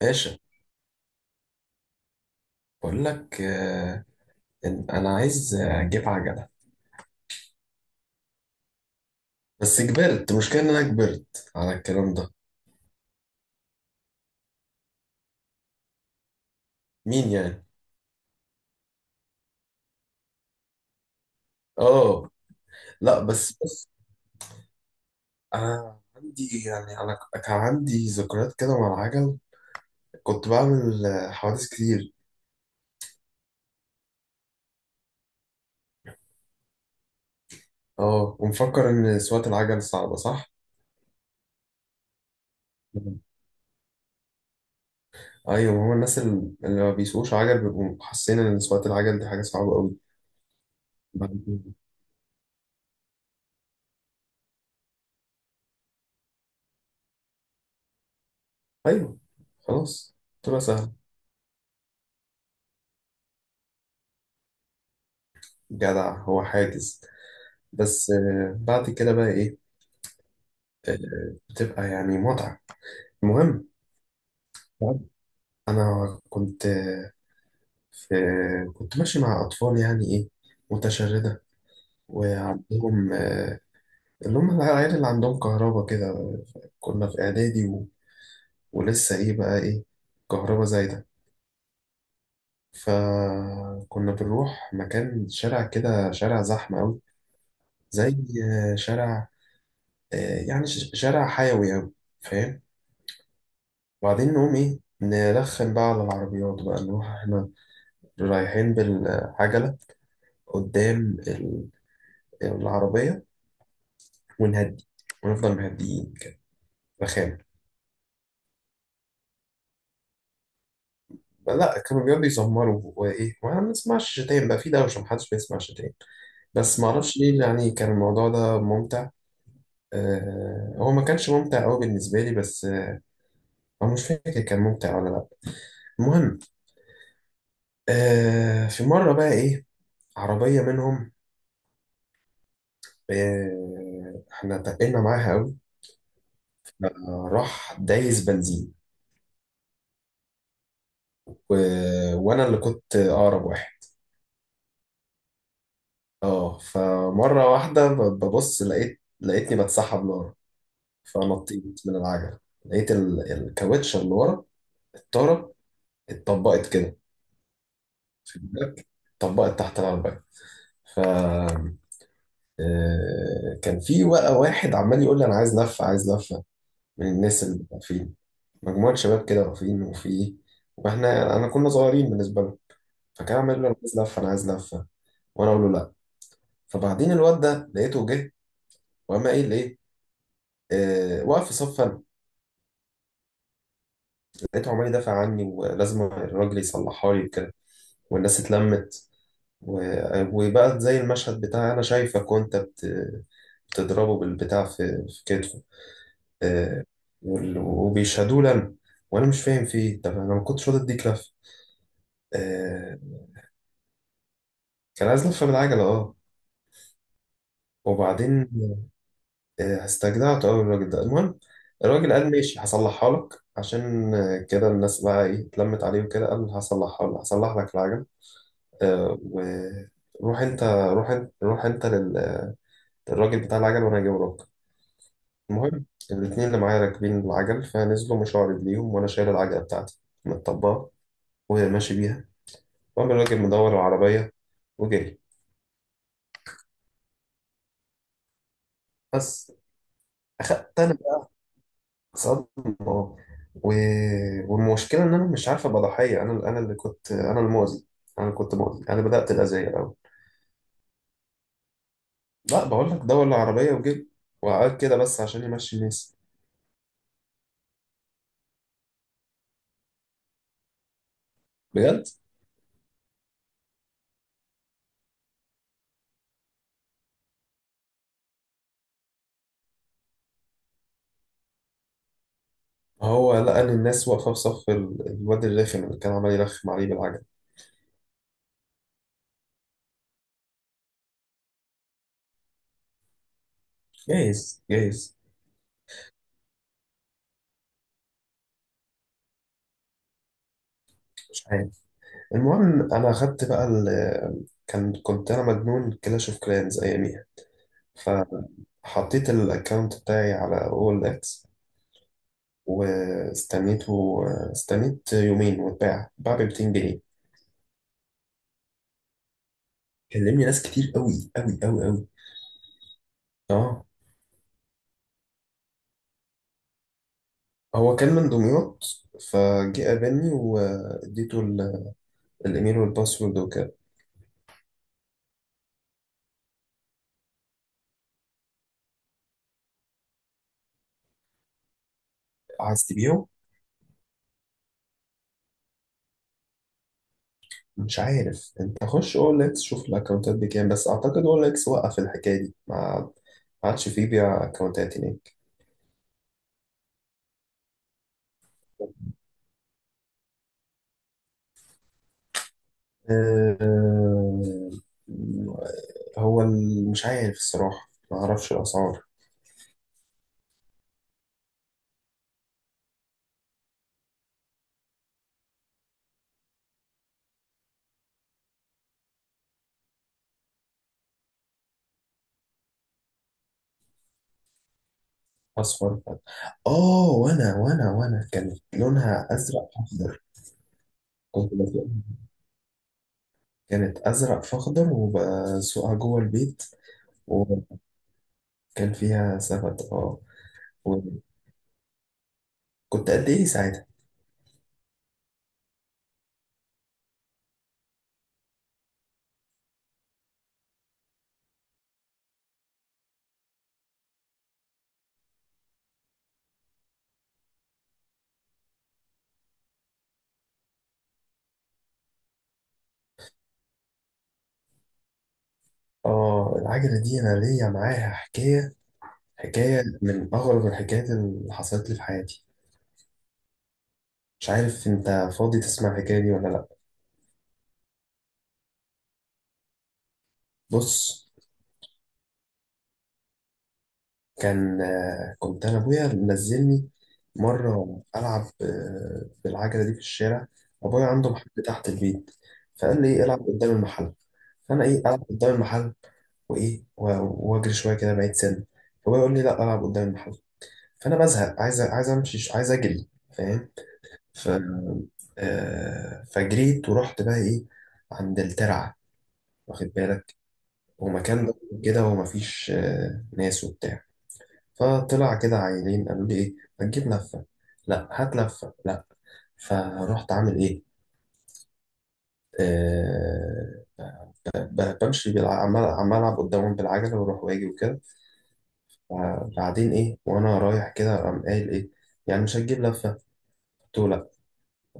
باشا، بقول لك إن انا عايز اجيب عجله. بس كبرت المشكله، ان انا كبرت على الكلام ده. مين يعني؟ اه. لا بس بص، انا عندي يعني كان عندي ذكريات كده مع العجل. كنت بعمل حوادث كتير. اه، ومفكر ان سواقه العجل صعبه، صح؟ مم. ايوه، هو الناس اللي ما بيسوقوش عجل بيبقوا حاسين ان سواقه العجل دي حاجه صعبه قوي. بعد كده. ايوه. خلاص. تبقى سهل. جدع، هو حاجز؟ بس بعد كده بقى ايه؟ بتبقى يعني متعة. المهم، انا كنت آه، في كنت ماشي مع اطفال يعني ايه، متشردة. وعندهم اللي هم العيال اللي عندهم كهربا كده. كنا في اعدادي ولسه ايه بقى ايه، كهربا زايدة. فكنا بنروح مكان شارع كده، شارع زحمة أوي. زي شارع، آه، يعني شارع حيوي أوي، فاهم؟ وبعدين نقوم ايه، نرخم بقى على العربيات بقى، نروح احنا رايحين بالعجلة قدام ال- العربية، ونهدي ونفضل مهديين كده، رخام. لا، كانوا بيقعدوا يزمروا وايه، وانا ما بنسمعش شتايم بقى، في دوشة محدش بيسمع شتايم. بس ما اعرفش ليه، يعني كان الموضوع ده ممتع. هو ما كانش ممتع قوي بالنسبة لي، بس آه، أنا مش فاكر كان ممتع ولا لا. المهم، في مرة بقى ايه، عربية منهم، احنا تقلنا معاها قوي. راح دايس بنزين و... وانا اللي كنت اقرب واحد. اه، فمره واحده ببص، لقيتني بتسحب لورا. فنطيت من العجل، لقيت الكاوتشه اللي ورا، الطاره، اتطبقت كده. خد بالك، اتطبقت تحت العربيه. ف كان في بقى واحد عمال يقول لي انا عايز لفه، عايز لفه، من الناس اللي واقفين. مجموعه شباب كده واقفين، وفي، واحنا انا كنا صغيرين بالنسبه لهم. فكان عمال يقول لي انا عايز لفه، انا عايز لفه، وانا اقول له لا. فبعدين الواد ده لقيته جه وقام قايل ايه، واقف في صف انا. لقيته عمال يدافع عني، ولازم الراجل يصلحها لي وكده، والناس اتلمت، وبقى زي المشهد بتاع انا شايفك وانت بتضربه بالبتاع في كتفه. آه، وبيشهدوه لنا، وانا مش فاهم في ايه، طب انا ما كنتش راضي اديك لفه. آه، كان عايز لفه بالعجله اه. وبعدين استجدعته أوي الراجل ده، المهم. الراجل قال ماشي، هصلحها لك، عشان كده الناس بقى إيه اتلمت عليه وكده، قال هصلحها لك، هصلح لك العجل. آه، وروح أنت، روح أنت روح أنت لل- للراجل بتاع العجل، وأنا هجيبه لك. المهم، الاتنين اللي معايا راكبين العجل فنزلوا مشوا على رجليهم، وأنا شايل العجلة بتاعتي من الطباخ، وهي ماشي بيها. وقام الراجل مدور العربية وجري. بس أخدت أنا صدمة، و... والمشكلة إن أنا مش عارف أبقى ضحية. أنا اللي كنت، أنا المؤذي، أنا اللي كنت مؤذي، أنا بدأت الأذية الأول. لا بقول لك، دور العربية وجيب وقعد كده بس عشان يمشي الناس. بجد، هو لقى إن الناس واقفة في صف الواد الرخم اللي كان عمال يرخم عليه بالعجل. جايز، جايز. مش عارف. المهم، أنا أخدت بقى ال... كان كنت أنا مجنون كلاش أوف كلانز أياميها. فحطيت الأكونت بتاعي على أول إكس واستنيته. استنيت يومين واتباع، اتباع ب 200 جنيه. كلمني ناس كتير قوي قوي قوي قوي. اه، هو كان من دمياط، فجه قابلني واديته الايميل والباسورد وكده. عايز تبيعه؟ مش عارف، انت خش اول اكس شوف الاكونتات بكام، بس اعتقد اول اكس وقف الحكايه دي، ما عادش فيه بيع اكونتات هناك. آه، هو مش عارف الصراحه، ما اعرفش الاسعار. اصفر فات، اه. وانا كانت لونها ازرق اخضر. كنت بسوقها، كانت ازرق في اخضر، وبسوقها جوه البيت. وكان فيها سبت، اه. وكنت قد ايه ساعتها؟ اه، العجله دي انا ليا معاها حكايه، حكايه من اغرب الحكايات اللي حصلت لي في حياتي. مش عارف انت فاضي تسمع الحكايه دي ولا لا. بص، كان كنت انا ابويا منزلني مره العب بالعجله دي في الشارع. ابويا عنده محل تحت البيت، فقال لي العب قدام المحل. فانا العب قدام المحل، وايه واجري شويه كده بعيد سنه. فابويا يقول لي لا، العب قدام المحل. فانا بزهق، عايز امشي، عايز اجري، فاهم؟ ف فجريت ورحت بقى ايه، عند الترعه. واخد بالك، ومكان كده، ومفيش ناس وبتاع. فطلع كده عيلين قالوا لي ايه، هتجيب لفه؟ لا. هات لفه؟ لا. فرحت عامل ايه، آه بمشي عمال عمال العب قدامهم بالعجله، واروح واجي وكده. بعدين ايه، وانا رايح كده قام قايل ايه، يعني مش هتجيب لفه؟ قلت له لا.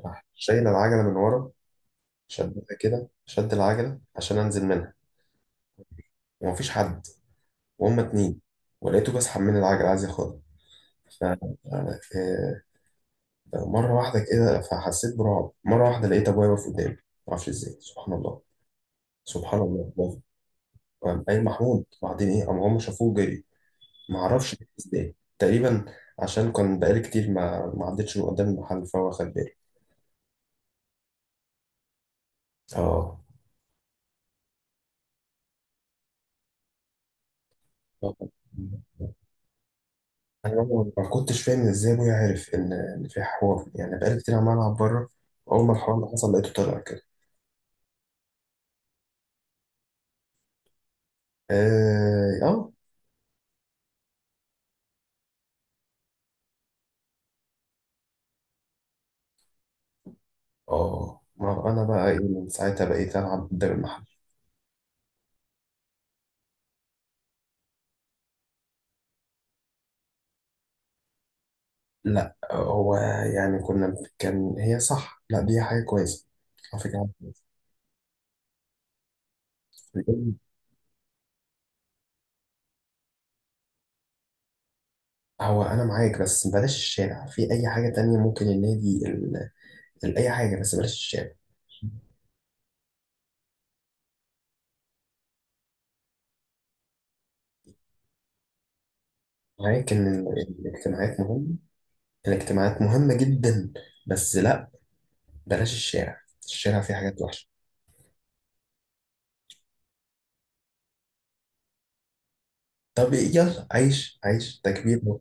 راح شايل العجله من ورا، شدها كده، شد العجله عشان انزل منها، ومفيش حد، وهم اتنين. ولقيته بسحب من العجله عايز ياخدها. ف آه، مرة واحدة كده، فحسيت برعب. مرة واحدة لقيت أبويا واقف قدامي، معرفش إزاي، سبحان الله. سبحان الله بابا. قام قايل محمود. بعدين إيه، قام هم شافوه جري. معرفش إزاي تقريبا، عشان كان بقالي كتير ما ما عدتش من قدام المحل، فهو خد بالي. آه، أنا ما كنتش فاهم إزاي أبويا عارف إن في حوار، يعني بقالي كتير عمال ألعب بره. أول ما الحوار اللي حصل لقيته طلع كده. آه، آه، آه. ما أنا بقى إيه، من ساعتها بقيت ألعب قدام المحل. لا هو يعني كان هي صح، لا دي حاجة كويسة، على فكرة. هو أنا معاك، بس بلاش الشارع، في أي حاجة تانية ممكن، النادي أي حاجة، بس بلاش الشارع. معاك إن الاجتماعات مهمة، الاجتماعات مهمة جدا، بس لا، بلاش الشارع، الشارع فيه حاجات وحشة. طب يلا، عيش عيش تكبير.